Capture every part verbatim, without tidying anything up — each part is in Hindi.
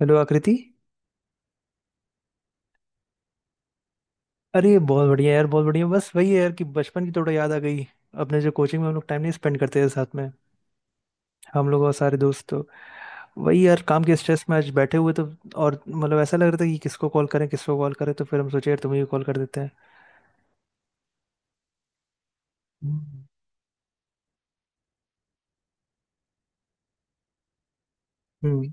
हेलो आकृति। अरे, बहुत बढ़िया यार, बहुत बढ़िया। बस वही है यार कि बचपन की थोड़ा याद आ गई। अपने जो कोचिंग में हम लोग टाइम नहीं स्पेंड करते थे साथ में, हम लोग और सारे दोस्त तो। वही यार, काम के स्ट्रेस में आज बैठे हुए तो। और मतलब ऐसा लग रहा था कि किसको कॉल करें, किसको कॉल करें, तो फिर हम सोचे यार तुम्हें भी कॉल कर देते हैं। हम्म। हम्म,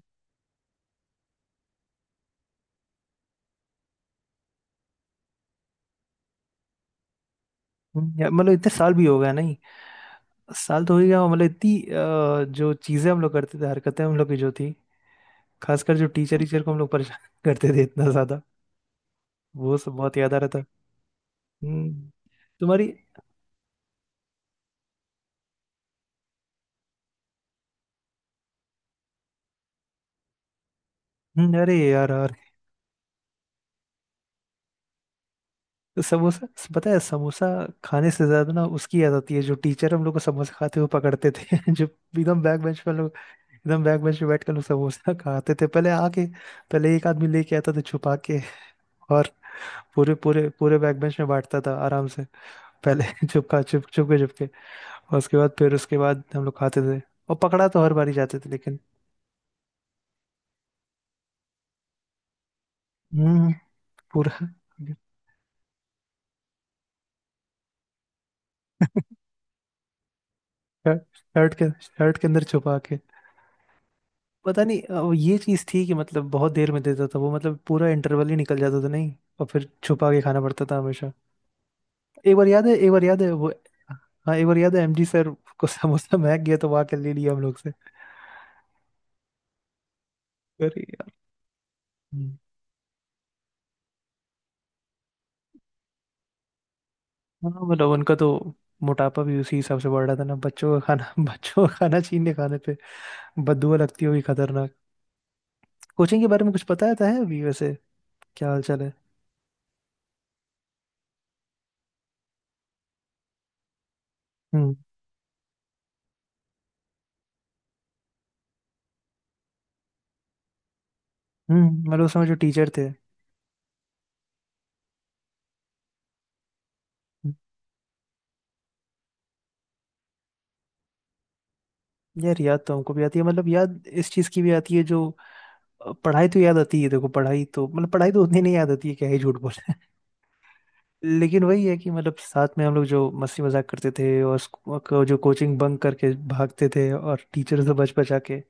हम्म, यार मतलब इतने साल भी हो गया नहीं? साल तो हो ही गया। मतलब इतनी अ, जो चीज़ें हम लोग करते थे, हरकतें हम लोग की जो थी, खासकर जो टीचर टीचर को हम लोग परेशान करते थे इतना ज़्यादा, वो सब बहुत याद आ रहा था। हम्म। तुम्हारी। हम्म, अरे यार यार। समोसा, पता है समोसा खाने से ज्यादा ना उसकी याद आती है जो टीचर हम लोग को समोसा खाते हुए पकड़ते थे जो एकदम बैक बेंच पर लोग, एकदम बैक बेंच पे बैठ कर लोग समोसा खाते थे पहले आके। पहले एक आदमी लेके आता था छुपा के, और पूरे पूरे पूरे बैक बेंच में बांटता था आराम से, पहले चुपका, चुप चुप के, चुप के। और उसके बाद फिर उसके बाद हम लोग खाते थे, और पकड़ा तो हर बारी जाते थे लेकिन। हम्म। पूरा। शर्ट के शर्ट के अंदर छुपा। पता नहीं अ, वो ये चीज थी कि मतलब बहुत देर में देता था वो, मतलब पूरा इंटरवल ही निकल जाता था नहीं, और फिर छुपा के खाना पड़ता था हमेशा। एक बार याद है एक बार याद है वो। हाँ, एक बार याद है, एमजी सर को समोसा महक गया तो वहां के ले लिया हम लोग से। अरे यार। हम्म। हाँ, मतलब उनका तो मोटापा भी उसी हिसाब से बढ़ रहा था ना। बच्चों का खाना बच्चों का खाना छीनने, खाने पे बददुआ लगती होगी खतरनाक। कोचिंग के बारे में कुछ पता है है अभी वैसे? क्या हाल चाल है? हम्म। हम्म, मतलब उस समय जो टीचर थे, यार याद तो हमको भी आती है। मतलब याद इस चीज की भी आती है जो अ, पढ़ाई तो याद आती है। देखो, पढ़ाई तो मतलब पढ़ाई तो उतनी नहीं याद आती है, क्या ही झूठ बोले। लेकिन वही है कि मतलब साथ में हम लोग जो मस्ती मजाक करते थे, और स्कू- को- जो कोचिंग बंक करके भागते थे, और टीचर से बच बचा के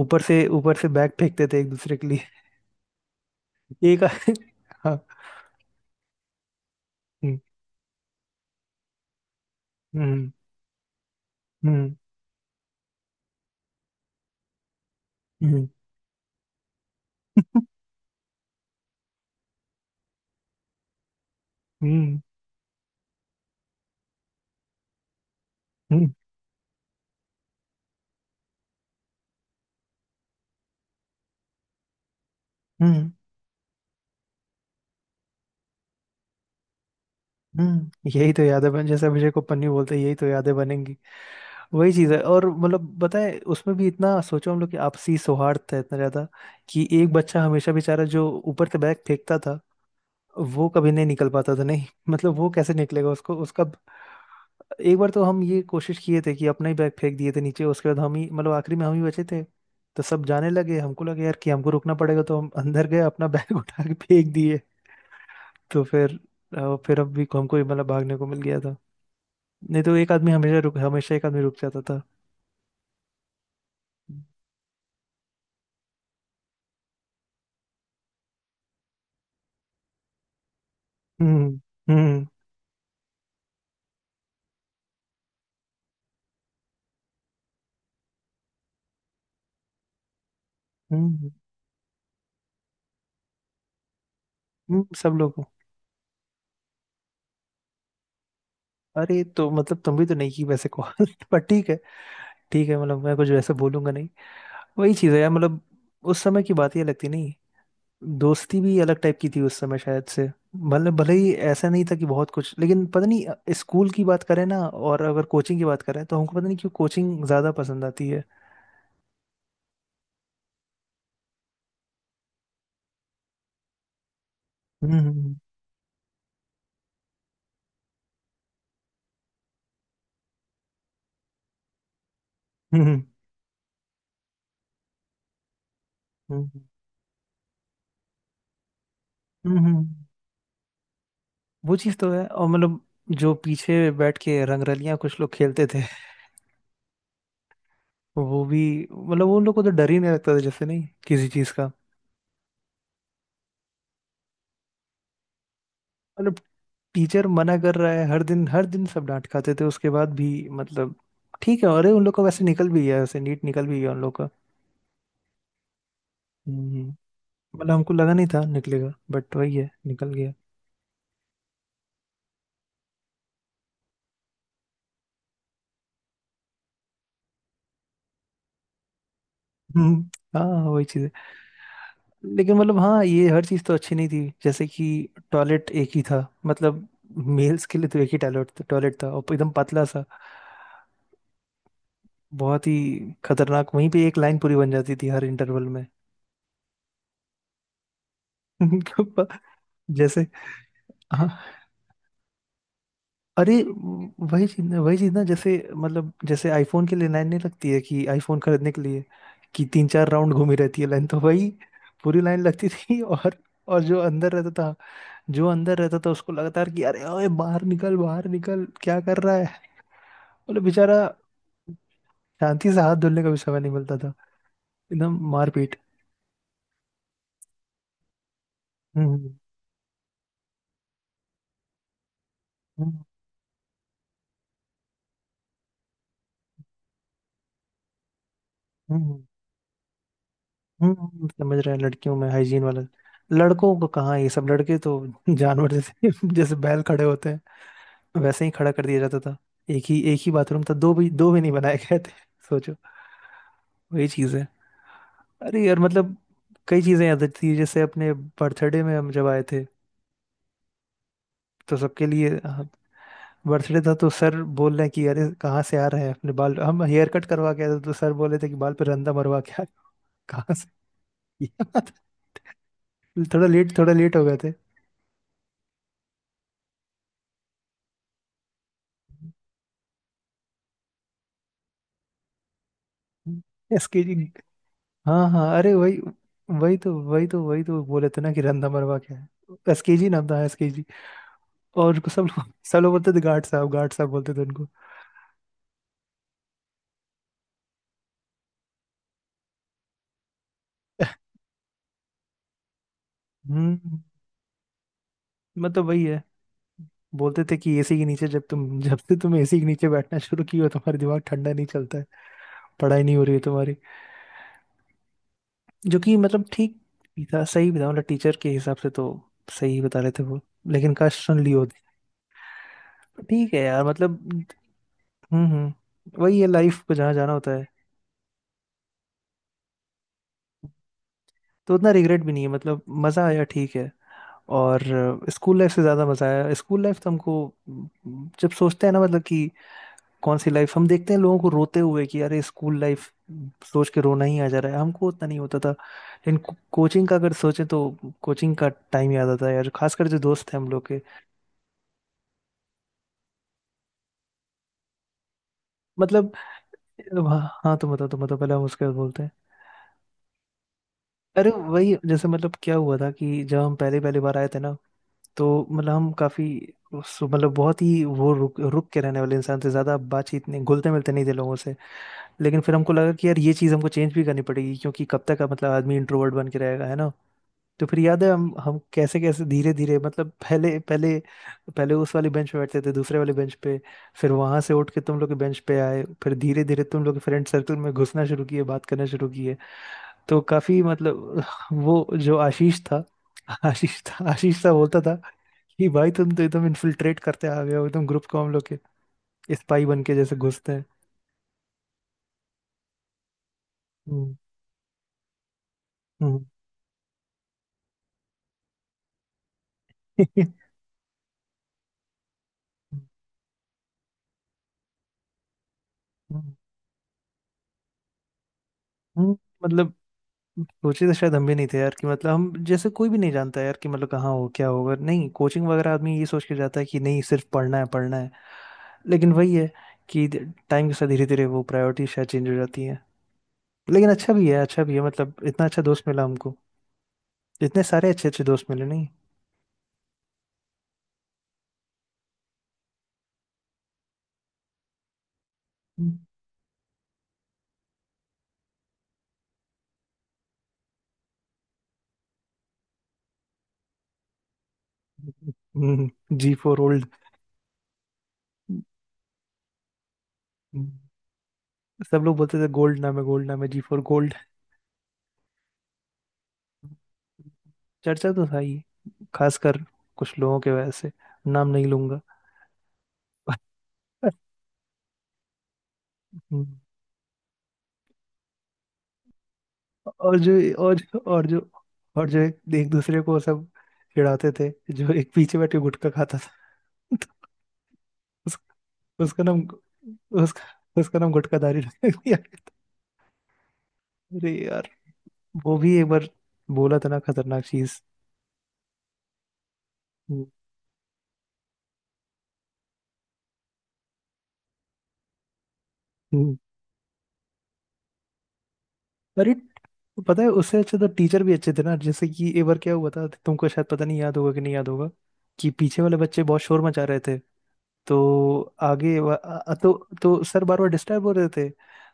ऊपर से, ऊपर से बैग फेंकते थे एक दूसरे के लिए। एक हाँ। हम्म। हम्म। हम्म। हम्म। हम्म। हम्म। हम्म, हम्म, यही तो यादें बन, जैसे अभिषेक को पन्नी बोलते हैं, यही तो यादें बनेंगी। वही चीज है। और मतलब बताए, उसमें भी इतना सोचो हम लोग कि आपसी सौहार्द था इतना ज्यादा, कि एक बच्चा हमेशा बेचारा जो ऊपर से बैग फेंकता था, वो कभी नहीं निकल पाता था नहीं। मतलब वो कैसे निकलेगा, उसको उसका। एक बार तो हम ये कोशिश किए थे कि अपना ही बैग फेंक दिए थे नीचे, उसके बाद हम ही मतलब आखिरी में हम ही बचे थे, तो सब जाने लगे, हमको लगे यार कि हमको रुकना पड़ेगा, तो हम अंदर गए अपना बैग उठा के फेंक दिए। तो फिर अ, फिर अब भी हमको ही मतलब भागने को मिल गया था, नहीं तो एक आदमी हमेशा रुक, हमेशा एक आदमी रुक जाता था। हम्म। हम्म। हम्म। हम्म, हम्म, सब लोगों। अरे, तो मतलब तुम भी तो नहीं की वैसे कॉल पर ठीक है। ठीक है, मतलब मैं कुछ वैसे बोलूंगा नहीं। वही चीज़ है यार मतलब, उस समय की बात ही अलग थी नहीं? दोस्ती भी अलग टाइप की थी उस समय शायद से। मतलब भले ही ऐसा नहीं था कि बहुत कुछ, लेकिन पता नहीं अ, स्कूल की बात करें ना, और अगर कोचिंग की बात करें, तो हमको पता नहीं क्यों कोचिंग ज़्यादा पसंद आती है। हम्म हम्म हम्म। हम्म। हम्म, हम्म, हम्म, हम्म, हम्म। वो चीज़ तो है। और मतलब जो पीछे बैठ के रंगरलियां कुछ लोग खेलते थे, वो भी, मतलब उन लोग को तो डर ही नहीं लगता था, जैसे नहीं किसी चीज़ का। मतलब टीचर मना कर रहा है, हर दिन हर दिन सब डांट खाते थे उसके बाद भी। मतलब ठीक है, अरे उन लोग का वैसे निकल भी गया वैसे, नीट निकल भी गया उन लोग का। हम्म। मतलब हमको लगा नहीं था निकलेगा, बट वही है, निकल गया। हम्म, हाँ, वही चीज है। लेकिन मतलब हाँ, ये हर चीज तो अच्छी नहीं थी, जैसे कि टॉयलेट एक ही था। मतलब मेल्स के लिए तो एक ही टॉयलेट था, टॉयलेट था और एकदम पतला सा, बहुत ही खतरनाक। वहीं पे एक लाइन पूरी बन जाती थी हर इंटरवल में। जैसे, हाँ। अरे, वही चीज ना, वही चीज ना, जैसे मतलब जैसे आईफोन के लिए लाइन नहीं लगती है, कि आईफोन खरीदने के लिए कि तीन चार राउंड घूमी रहती है लाइन, तो वही पूरी लाइन लगती थी। और और जो अंदर रहता था जो अंदर रहता था उसको लगता था कि अरे ओए, बाहर निकल, बाहर निकल, क्या कर रहा है। मतलब बेचारा शांति से हाथ धुलने का भी समय नहीं मिलता था, एकदम मारपीट। हम्म। हम्म। हम्म। हम्म, हम्म, हम्म, समझ रहे हैं, लड़कियों में हाइजीन वाला। लड़कों को कहाँ ये सब, लड़के तो जानवर जैसे, जैसे बैल खड़े होते हैं वैसे ही खड़ा कर दिया जाता था। एक ही, एक ही बाथरूम था, दो भी, दो भी नहीं बनाए गए थे, सोचो। वही चीज़ है। अरे यार, मतलब कई चीज़ें याद आती थी। जैसे अपने बर्थडे में हम जब आए थे तो सबके लिए, हाँ। बर्थडे था, तो सर बोल रहे हैं कि अरे कहाँ से आ रहे हैं, अपने बाल। हम हेयर कट करवा के आए थे, तो सर बोले थे कि बाल पे रंदा मरवा के आए हो। कहाँ से? ये थोड़ा लेट, थोड़ा लेट हो गए थे। एसके जी, हाँ हाँ, अरे वही, वही तो, वही तो, वही तो बोले थे ना कि रंदा मरवा के आए। एसके जी नाम था, एसके जी। और सब लोग, सब लोग बोलते थे गार्ड साहब, गार्ड साहब बोलते थे उनको। हम्म। मतलब वही है, बोलते थे कि एसी के नीचे जब तुम जब से तुम एसी के नीचे बैठना शुरू किए हो, तुम्हारा दिमाग ठंडा नहीं चलता, पढ़ाई नहीं हो रही है तुम्हारी, जो कि मतलब ठीक भी था, सही भी था। मतलब टीचर के हिसाब से तो सही ही बता रहे थे वो, लेकिन काश सुन ली होती। ठीक है यार, मतलब। हम्म। हम्म, वही है, लाइफ को जहाँ जाना होता है। तो उतना रिग्रेट भी नहीं है, मतलब मज़ा आया ठीक है। और स्कूल लाइफ से ज़्यादा मज़ा आया। स्कूल लाइफ तो हमको अम, जब सोचते हैं ना, मतलब कि कौन सी लाइफ, हम देखते हैं लोगों को रोते हुए कि अरे स्कूल लाइफ सोच के रोना ही आ जा रहा है, हमको उतना नहीं होता था। लेकिन को, कोचिंग का अगर सोचें तो, कोचिंग का टाइम याद आता है यार, खासकर जो दोस्त हैं हम लोग के। मतलब हाँ, हाँ, तुम बताओ, तुम बताओ पहले, हम उसके बाद बोलते हैं। अरे वही, जैसे मतलब क्या हुआ था कि जब हम पहले पहली बार आए थे ना, तो मतलब हम काफी, उस- मतलब बहुत ही वो रुक रुक के रहने वाले इंसान थे, ज्यादा बातचीत नहीं, घुलते मिलते नहीं थे लोगों से। लेकिन फिर हमको लगा कि यार ये चीज़ हमको चेंज भी करनी पड़ेगी, क्योंकि कब तक मतलब आदमी इंट्रोवर्ट बन के रहेगा, है ना? तो फिर याद है हम हम कैसे कैसे धीरे धीरे, मतलब पहले पहले, पहले उस वाली बेंच पे बैठते थे, दूसरे वाले बेंच पे, फिर वहां से उठ के तुम लोग के बेंच पे आए, फिर धीरे धीरे तुम लोग फ्रेंड सर्कल में घुसना शुरू किए, बात करना शुरू किए, तो काफी मतलब। वो जो आशीष था आशीष था आशीष था बोलता था कि भाई तुम तो एकदम इन्फिल्ट्रेट करते आ गए हो एकदम, ग्रुप को हम लोग के, स्पाई बन के जैसे घुसते हैं। हम्म। हम्म। हम्म। हम्म, मतलब सोचे तो शायद हम भी नहीं थे यार कि मतलब हम, जैसे कोई भी नहीं जानता यार कि मतलब कहाँ हो क्या होगा, नहीं कोचिंग वगैरह आदमी ये सोच के जाता है कि नहीं सिर्फ पढ़ना है, पढ़ना है, लेकिन वही है कि टाइम के साथ धीरे धीरे वो प्रायोरिटी शायद चेंज हो जाती है। लेकिन अच्छा भी है, अच्छा भी है, मतलब इतना अच्छा दोस्त मिला हमको, इतने सारे अच्छे अच्छे दोस्त मिले नहीं। हम्म। जी फॉर ओल्ड, सब लोग बोलते थे गोल्ड नाम है, गोल्ड नाम है, जी फॉर गोल्ड। चर्चा तो था ही, खासकर कुछ लोगों के वजह से, नाम नहीं लूंगा। और जो और जो और जो और जो एक, एक दूसरे को सब चिढ़ाते थे, जो एक पीछे बैठ के गुटखा खाता था। तो उस, उसका नाम, उसका, उसका नाम गुटखाधारी रख दिया गया था। अरे यार, वो भी एक बार बोला था ना खतरनाक चीज। हम्म, हम्म। अरे, पता है, उससे अच्छे तो टीचर भी अच्छे थे ना। जैसे कि एक बार क्या हुआ था, तुमको शायद पता नहीं, याद होगा कि नहीं याद होगा, कि पीछे वाले बच्चे बहुत शोर मचा रहे थे, तो आगे वा- आ- तो तो सर बार बार डिस्टर्ब हो रहे थे,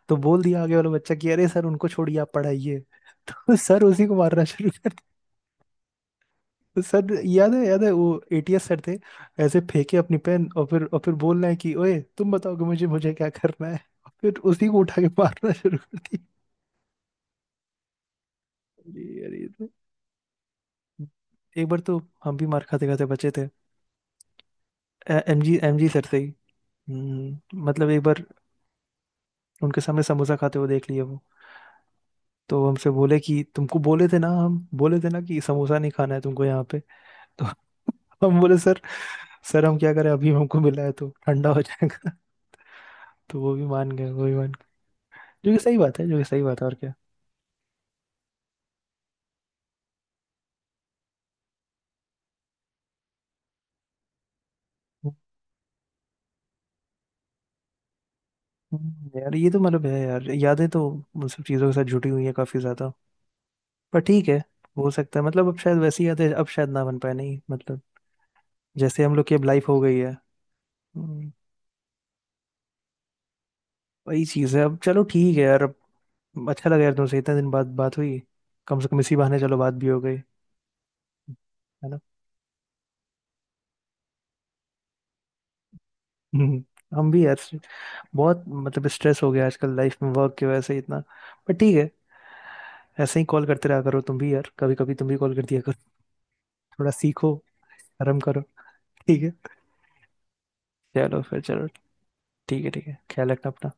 तो बोल दिया आगे वाला बच्चा कि अरे सर उनको छोड़िए आप पढ़ाइए, तो सर उसी को मारना शुरू कर दिया। सर याद है, याद है वो, एटीएस सर थे, ऐसे फेंके अपनी पेन, और फिर और फिर बोलना है कि ओए तुम बताओ कि मुझे मुझे क्या करना है, और फिर उसी को उठा के मारना शुरू कर दिया। अरे, अरे, ये तो- एक बार तो हम भी मार खाते खाते बचे थे, एमजी एमजी सर से ही। हम्म, मतलब एक बार उनके सामने समोसा खाते हुए देख लिए वो, तो हमसे बोले कि तुमको बोले थे ना, हम बोले थे ना कि समोसा नहीं खाना है तुमको यहाँ पे, तो हम बोले, सर, सर हम क्या करें, अभी हमको मिला है तो ठंडा हो जाएगा। तो वो भी मान गए, वो भी मान गए, जो कि सही बात है, जो कि सही बात है, और क्या। हम्म, यार ये तो मतलब है यार, यादें तो उन सब चीज़ों के साथ जुटी हुई है काफ़ी ज़्यादा। पर ठीक है, हो सकता है मतलब अब शायद वैसी यादें, अब शायद ना बन पाए नहीं, मतलब जैसे हम लोग की अब लाइफ हो गई है। वही चीज़ है अब, चलो ठीक है यार। अब अच्छा लगा यार, तुमसे इतने दिन बाद बात हुई, कम से कम इसी बहाने चलो बात भी हो गई, है ना? हम्म, हम भी यार बहुत, मतलब स्ट्रेस हो गया आजकल लाइफ में वर्क की वजह से इतना, पर ठीक है। ऐसे ही कॉल करते रहा करो तुम भी यार, कभी कभी तुम भी कॉल कर दिया करो, थोड़ा सीखो, आराम करो। ठीक है, चलो फिर, चलो, ठीक है, ठीक है, ख्याल रखना अपना।